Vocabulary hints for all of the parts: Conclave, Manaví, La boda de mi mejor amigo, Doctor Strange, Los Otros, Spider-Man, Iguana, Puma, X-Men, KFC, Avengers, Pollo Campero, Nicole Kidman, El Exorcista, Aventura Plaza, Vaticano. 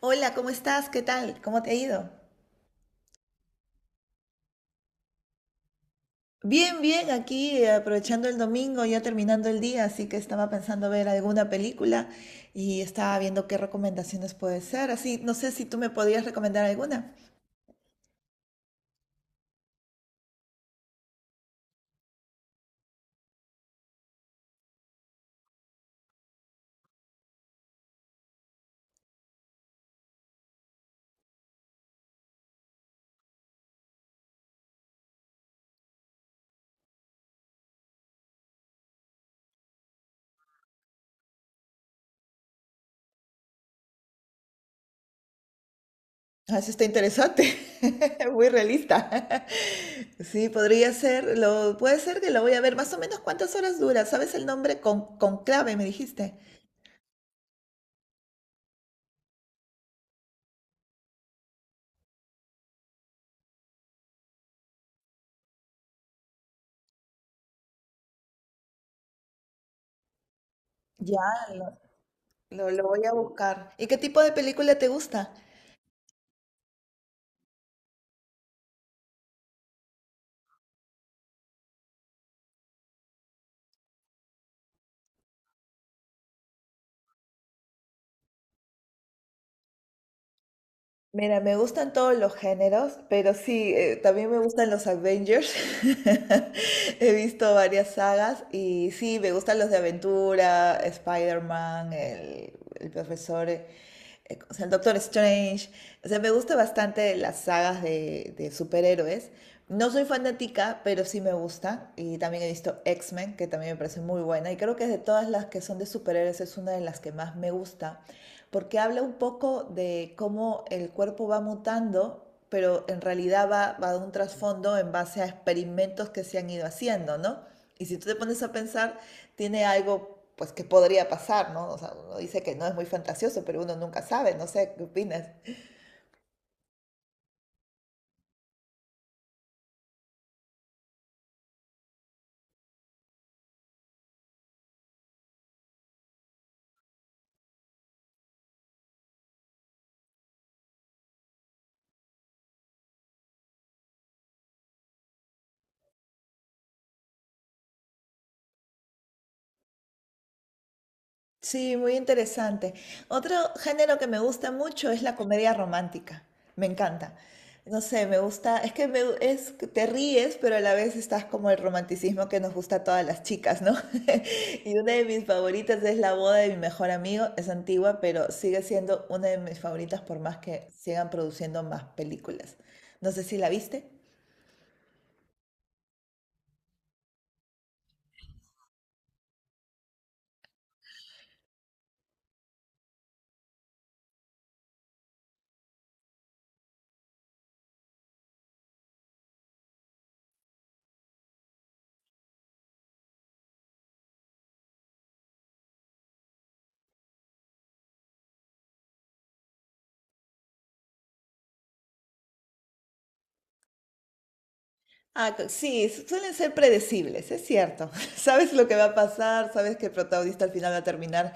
Hola, ¿cómo estás? ¿Qué tal? ¿Cómo te ha ido? Bien, bien, aquí aprovechando el domingo, ya terminando el día, así que estaba pensando ver alguna película y estaba viendo qué recomendaciones puede ser. Así, no sé si tú me podrías recomendar alguna. Ah, eso está interesante, muy realista. Sí, podría ser, puede ser que lo voy a ver. Más o menos cuántas horas dura, ¿sabes el nombre? Conclave, me dijiste. Ya, lo, lo voy a buscar. ¿Y qué tipo de película te gusta? Mira, me gustan todos los géneros, pero sí, también me gustan los Avengers. He visto varias sagas y sí, me gustan los de aventura, Spider-Man, el profesor, o sea, el Doctor Strange. O sea, me gusta bastante las sagas de superhéroes. No soy fanática, pero sí me gusta. Y también he visto X-Men, que también me parece muy buena. Y creo que de todas las que son de superhéroes es una de las que más me gusta, porque habla un poco de cómo el cuerpo va mutando, pero en realidad va de un trasfondo en base a experimentos que se han ido haciendo, ¿no? Y si tú te pones a pensar, tiene algo pues que podría pasar, ¿no? O sea, uno dice que no es muy fantasioso, pero uno nunca sabe, no sé, ¿qué opinas? Sí, muy interesante. Otro género que me gusta mucho es la comedia romántica. Me encanta. No sé, me gusta, es que te ríes, pero a la vez estás como el romanticismo que nos gusta a todas las chicas, ¿no? Y una de mis favoritas es La boda de mi mejor amigo. Es antigua, pero sigue siendo una de mis favoritas por más que sigan produciendo más películas. No sé si la viste. Sí, suelen ser predecibles, es cierto. Sabes lo que va a pasar, sabes que el protagonista al final va a terminar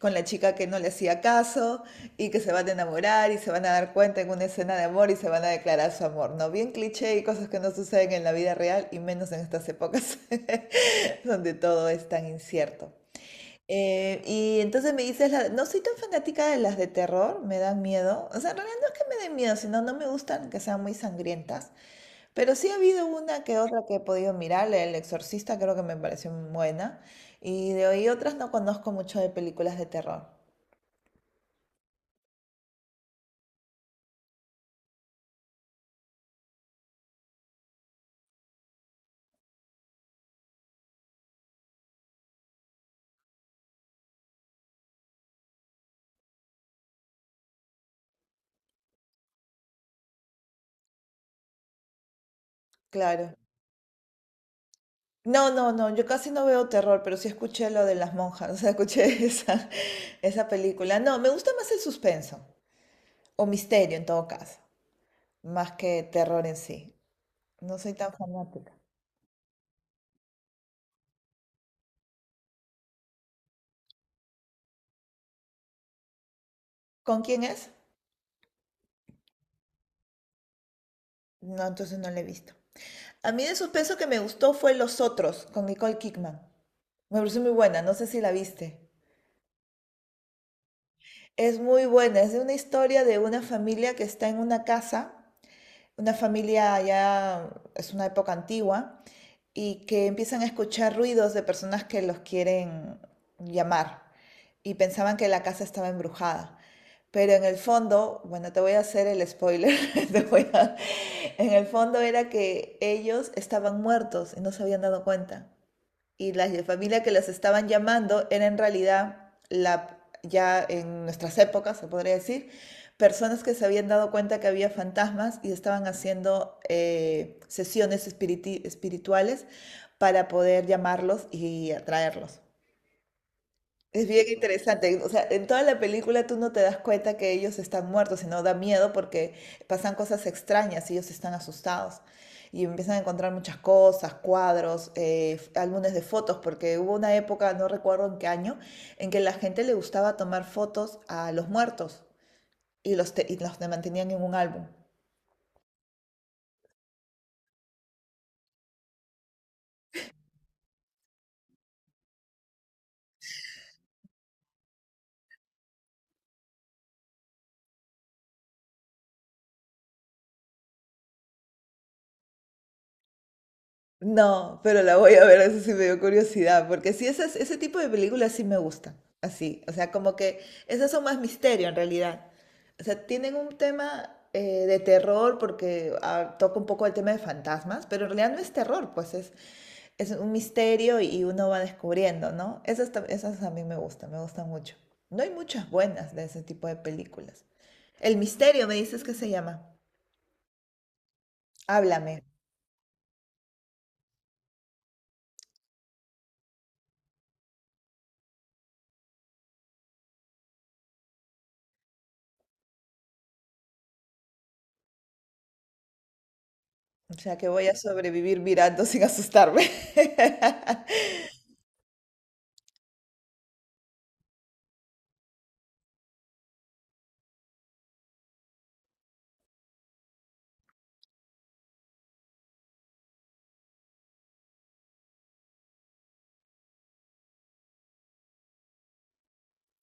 con la chica que no le hacía caso, y que se van a enamorar y se van a dar cuenta en una escena de amor y se van a declarar su amor, ¿no? Bien cliché y cosas que no suceden en la vida real y menos en estas épocas donde todo es tan incierto. Y entonces me dices, no soy tan fanática de las de terror, me dan miedo. O sea, en realidad no es que me den miedo, sino no me gustan que sean muy sangrientas. Pero sí ha habido una que otra que he podido mirar, la El Exorcista creo que me pareció muy buena. Y de hoy otras no conozco mucho de películas de terror. Claro. No, no, no, yo casi no veo terror, pero sí escuché lo de las monjas, o sea, esa película. No, me gusta más el suspenso, o misterio en todo caso, más que terror en sí. No soy tan fanática. ¿Con quién es? No, entonces no la he visto. A mí de suspenso que me gustó fue Los Otros, con Nicole Kidman. Me pareció muy buena, no sé si la viste. Es muy buena, es de una historia de una familia que está en una casa, una familia ya, es una época antigua, y que empiezan a escuchar ruidos de personas que los quieren llamar, y pensaban que la casa estaba embrujada. Pero en el fondo, bueno, te voy a hacer el spoiler, te voy a- en el fondo era que ellos estaban muertos y no se habían dado cuenta, y la familia que los estaban llamando era en realidad la, ya en nuestras épocas, se podría decir, personas que se habían dado cuenta que había fantasmas y estaban haciendo sesiones espirituales para poder llamarlos y atraerlos. Es bien interesante. O sea, en toda la película tú no te das cuenta que ellos están muertos, sino da miedo porque pasan cosas extrañas y ellos están asustados. Y empiezan a encontrar muchas cosas, cuadros, álbumes de fotos, porque hubo una época, no recuerdo en qué año, en que la gente le gustaba tomar fotos a los muertos y y los mantenían en un álbum. No, pero la voy a ver, eso sí me dio curiosidad, porque sí, ese tipo de películas sí me gustan, así, o sea, como que esas son más misterio en realidad. O sea, tienen un tema de terror porque ah, toca un poco el tema de fantasmas, pero en realidad no es terror, es un misterio y uno va descubriendo, ¿no? Esas a mí me gustan mucho. No hay muchas buenas de ese tipo de películas. El misterio, me dices que se llama. Háblame. O sea que voy a sobrevivir mirando sin asustarme.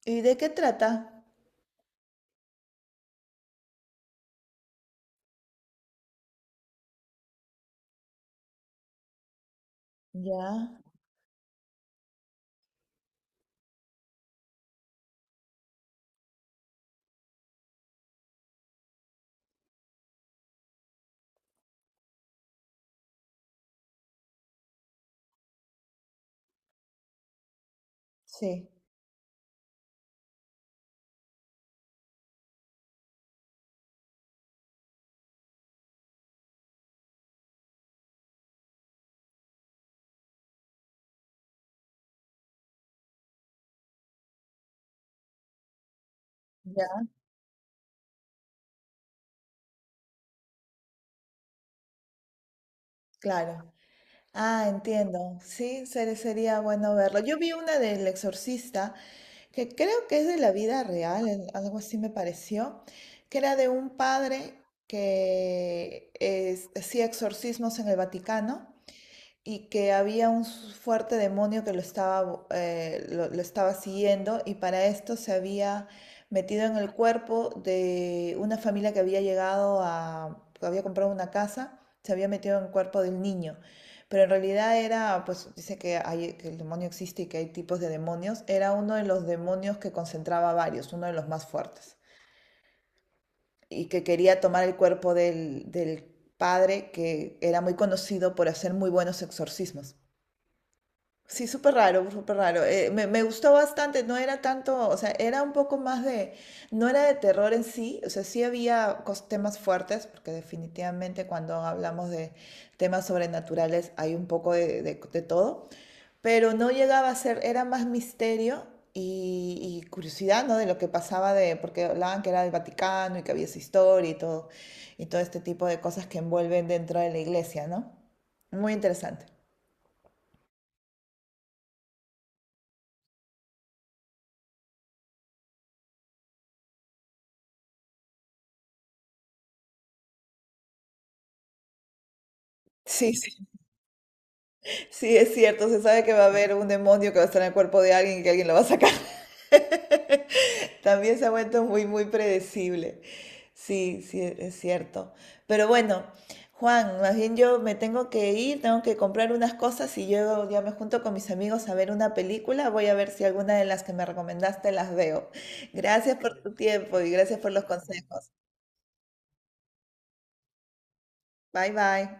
¿Y de qué trata? Ya, sí, ya, claro. Ah, entiendo. Sí, sería bueno verlo. Yo vi una del Exorcista, que creo que es de la vida real, algo así me pareció, que era de un padre hacía exorcismos en el Vaticano y que había un fuerte demonio que lo estaba, lo estaba siguiendo, y para esto se había metido en el cuerpo de una familia que había llegado a, que había comprado una casa, se había metido en el cuerpo del niño. Pero en realidad era, pues dice que, hay, que el demonio existe y que hay tipos de demonios, era uno de los demonios que concentraba varios, uno de los más fuertes, y que quería tomar el cuerpo del padre que era muy conocido por hacer muy buenos exorcismos. Sí, súper raro, súper raro. Me gustó bastante, no era tanto, o sea, era un poco más de, no era de terror en sí, o sea, sí había temas fuertes, porque definitivamente cuando hablamos de temas sobrenaturales hay un poco de todo, pero no llegaba a ser, era más misterio y curiosidad, ¿no? De lo que pasaba de, porque hablaban que era del Vaticano y que había esa historia y todo este tipo de cosas que envuelven dentro de la iglesia, ¿no? Muy interesante. Sí, es cierto, se sabe que va a haber un demonio que va a estar en el cuerpo de alguien y que alguien lo va a sacar. También se ha vuelto muy, muy predecible. Sí, sí, es cierto. Pero bueno, Juan, más bien yo me tengo que ir, tengo que comprar unas cosas y yo ya me junto con mis amigos a ver una película. Voy a ver si alguna de las que me recomendaste las veo. Gracias por tu tiempo y gracias por los consejos. Bye, bye.